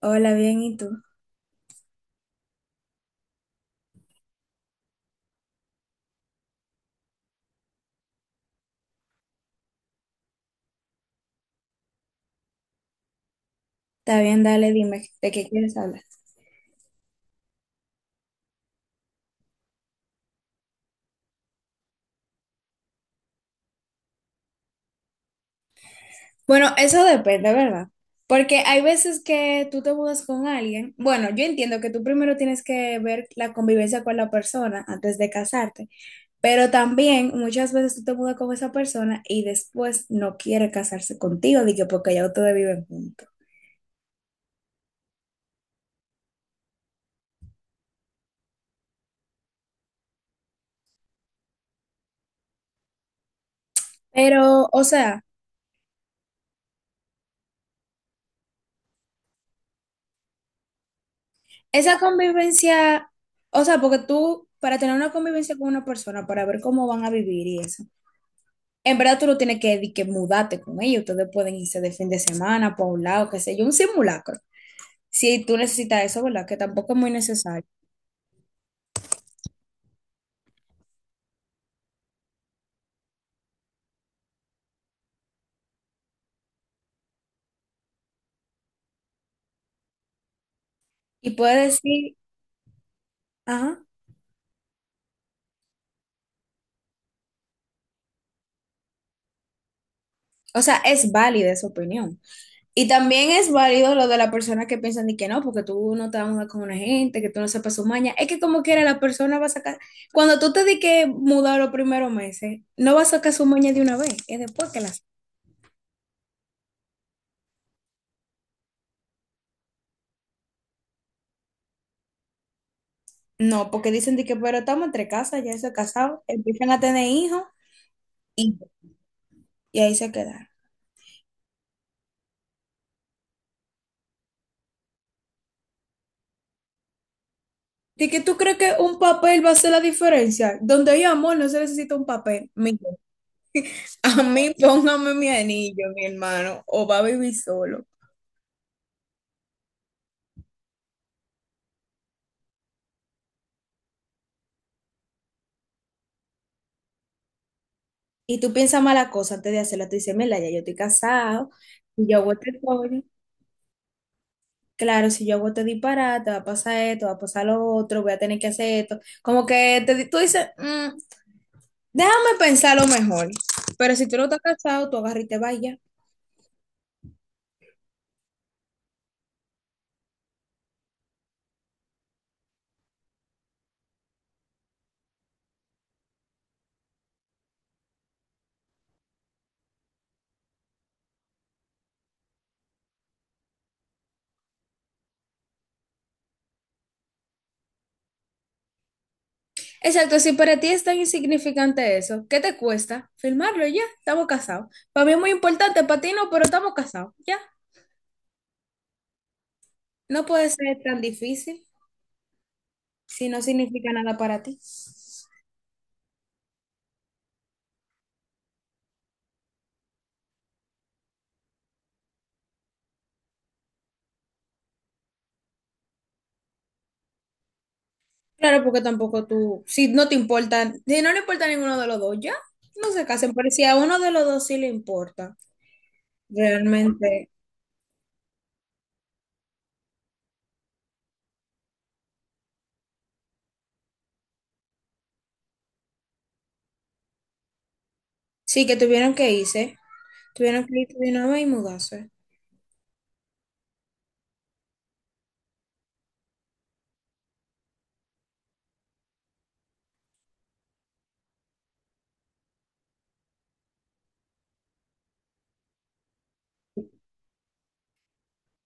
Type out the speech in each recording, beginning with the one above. Hola, bien, ¿y tú? Está bien, dale, dime, ¿de qué quieres hablar? Bueno, eso depende, ¿verdad? Porque hay veces que tú te mudas con alguien. Bueno, yo entiendo que tú primero tienes que ver la convivencia con la persona antes de casarte, pero también muchas veces tú te mudas con esa persona y después no quiere casarse contigo, de que porque ya ustedes viven juntos. Pero, o sea, esa convivencia, o sea, porque tú, para tener una convivencia con una persona, para ver cómo van a vivir y eso. En verdad tú no tienes que, di que mudarte con ellos, ustedes pueden irse de fin de semana para un lado, qué sé yo, un simulacro. Si tú necesitas eso, ¿verdad? Que tampoco es muy necesario. Y puedes decir, ajá, o sea, es válida esa opinión. Y también es válido lo de la persona que piensan de que no, porque tú no te vas a mudar con una gente, que tú no sepas su maña. Es que como quiera la persona va a sacar, cuando tú te di que mudar los primeros meses, no va a sacar su maña de una vez, es después que las... No, porque dicen de que, pero estamos entre casas, ya se casados, empiezan a tener hijos. Y y ahí se quedaron. ¿De que tú crees que un papel va a hacer la diferencia? Donde hay amor, no se necesita un papel. Mire, a mí póngame mi anillo, mi hermano, o va a vivir solo. Y tú piensas mala cosa antes de hacerla. Tú dices, mira, ya yo estoy casado, si yo hago este coño, claro, si yo hago este disparate, va a pasar esto, va a pasar lo otro, voy a tener que hacer esto. Como que te, di- tú dices, "Mm, déjame pensar lo mejor. Pero si tú no estás casado, tú agarras y te vayas. Exacto, si para ti es tan insignificante eso, ¿qué te cuesta? Firmarlo y ya, estamos casados. Para mí es muy importante, para ti no, pero estamos casados, ya. No puede ser tan difícil si no significa nada para ti. Claro, porque tampoco tú, si no te importa, si no le importa a ninguno de los dos, ya, no se casen, pero si a uno de los dos sí le importa, realmente, sí que tuvieron que irse de una vez y mudarse.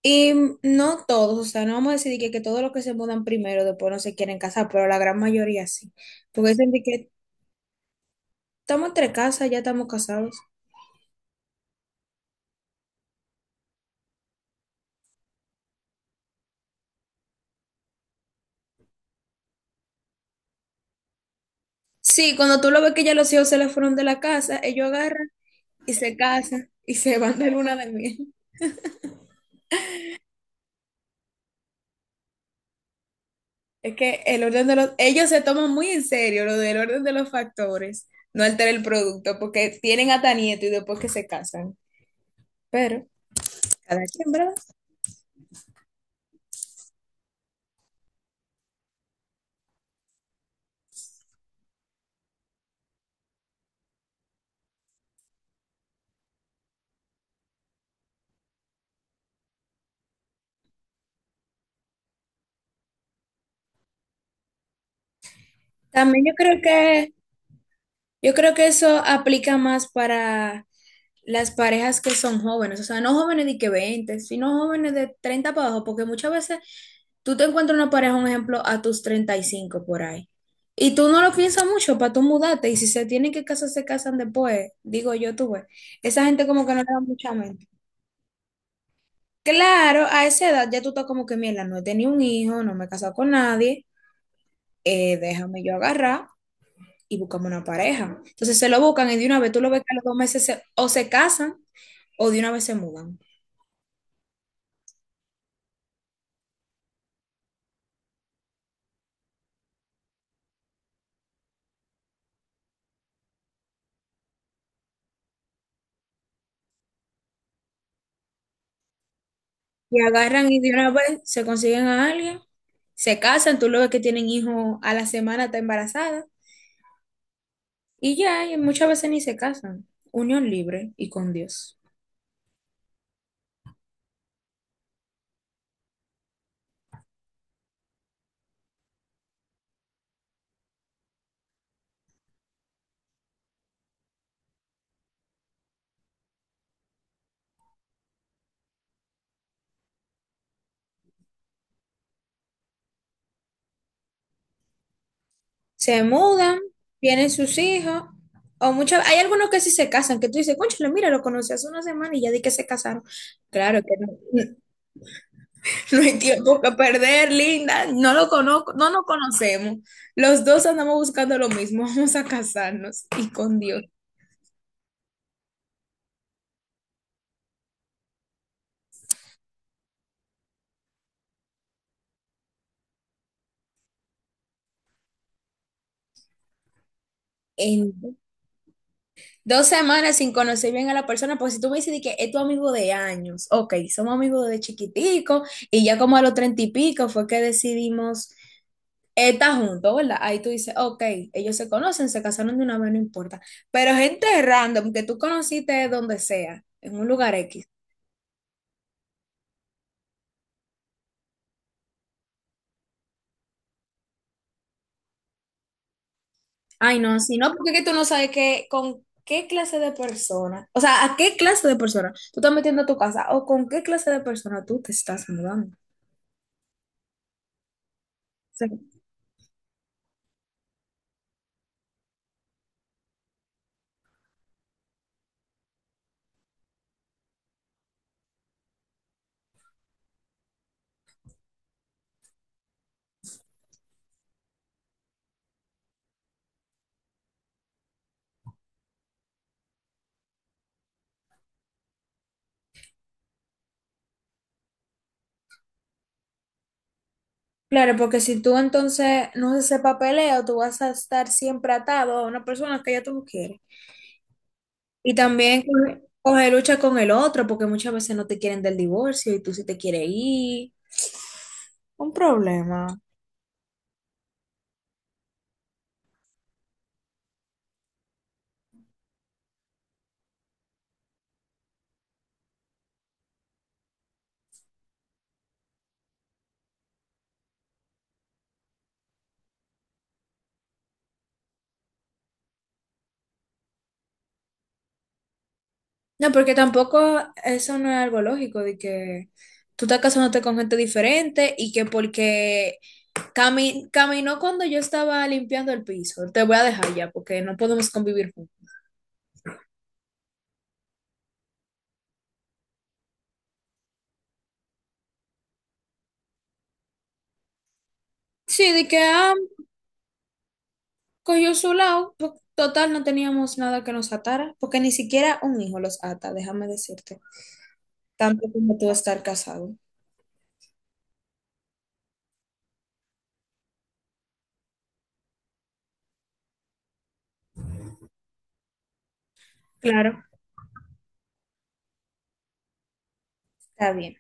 Y no todos, o sea, no vamos a decir que todos los que se mudan primero después no se quieren casar, pero la gran mayoría sí. Porque dicen de que estamos entre casas, ya estamos casados. Sí, cuando tú lo ves que ya los hijos se le fueron de la casa, ellos agarran y se casan y se van de luna de miel. Es que el orden de los, ellos se toman muy en serio lo del orden de los factores, no altera el producto, porque tienen hasta nieto y después que se casan. Pero, cada quien, ¿verdad? También yo creo que eso aplica más para las parejas que son jóvenes, o sea, no jóvenes de que 20, sino jóvenes de 30 para abajo, porque muchas veces tú te encuentras una pareja, un ejemplo, a tus 35 por ahí, y tú no lo piensas mucho para tú mudarte, y si se tienen que casar, se casan después, digo yo, tú ves, esa gente como que no le da mucha mente. Claro, a esa edad ya tú estás como que, mierda, no he tenido un hijo, no me he casado con nadie, déjame yo agarrar y buscamos una pareja. Entonces se lo buscan y de una vez tú lo ves que a los 2 meses o se casan o de una vez se mudan. Y agarran y de una vez se consiguen a alguien, se casan, tú lo ves que tienen hijos a la semana, está embarazada, y ya, y muchas veces ni se casan. Unión libre y con Dios. Se mudan, tienen sus hijos, o muchas, hay algunos que sí se casan, que tú dices, cónchale, mira, lo conocí hace una semana y ya di que se casaron. Claro que no, no hay tiempo que perder, linda, no lo conozco, no nos conocemos. Los dos andamos buscando lo mismo, vamos a casarnos y con Dios. 2 semanas sin conocer bien a la persona, porque si tú me dices de que es tu amigo de años, ok, somos amigos de chiquitico y ya como a los 30 y pico fue que decidimos estar juntos, ¿verdad? Ahí tú dices, ok, ellos se conocen, se casaron de una vez, no importa. Pero gente random que tú conociste donde sea, en un lugar X. Ay, no, si no, porque es que tú no sabes qué, con qué clase de persona, o sea, a qué clase de persona tú estás metiendo a tu casa o con qué clase de persona tú te estás mudando. Claro, porque si tú entonces no haces ese papeleo, tú vas a estar siempre atado a una persona que ya tú no quieres. Y también coge lucha con el otro, porque muchas veces no te quieren del divorcio y tú sí te quieres ir. Un problema. No, porque tampoco eso no es algo lógico, de que tú estás casándote con gente diferente y que porque caminó cuando yo estaba limpiando el piso, te voy a dejar ya, porque no podemos convivir juntos. Sí, de que, ah, cogió su lado, total, no teníamos nada que nos atara, porque ni siquiera un hijo los ata, déjame decirte, tanto como tú estar casado. Claro. Está bien.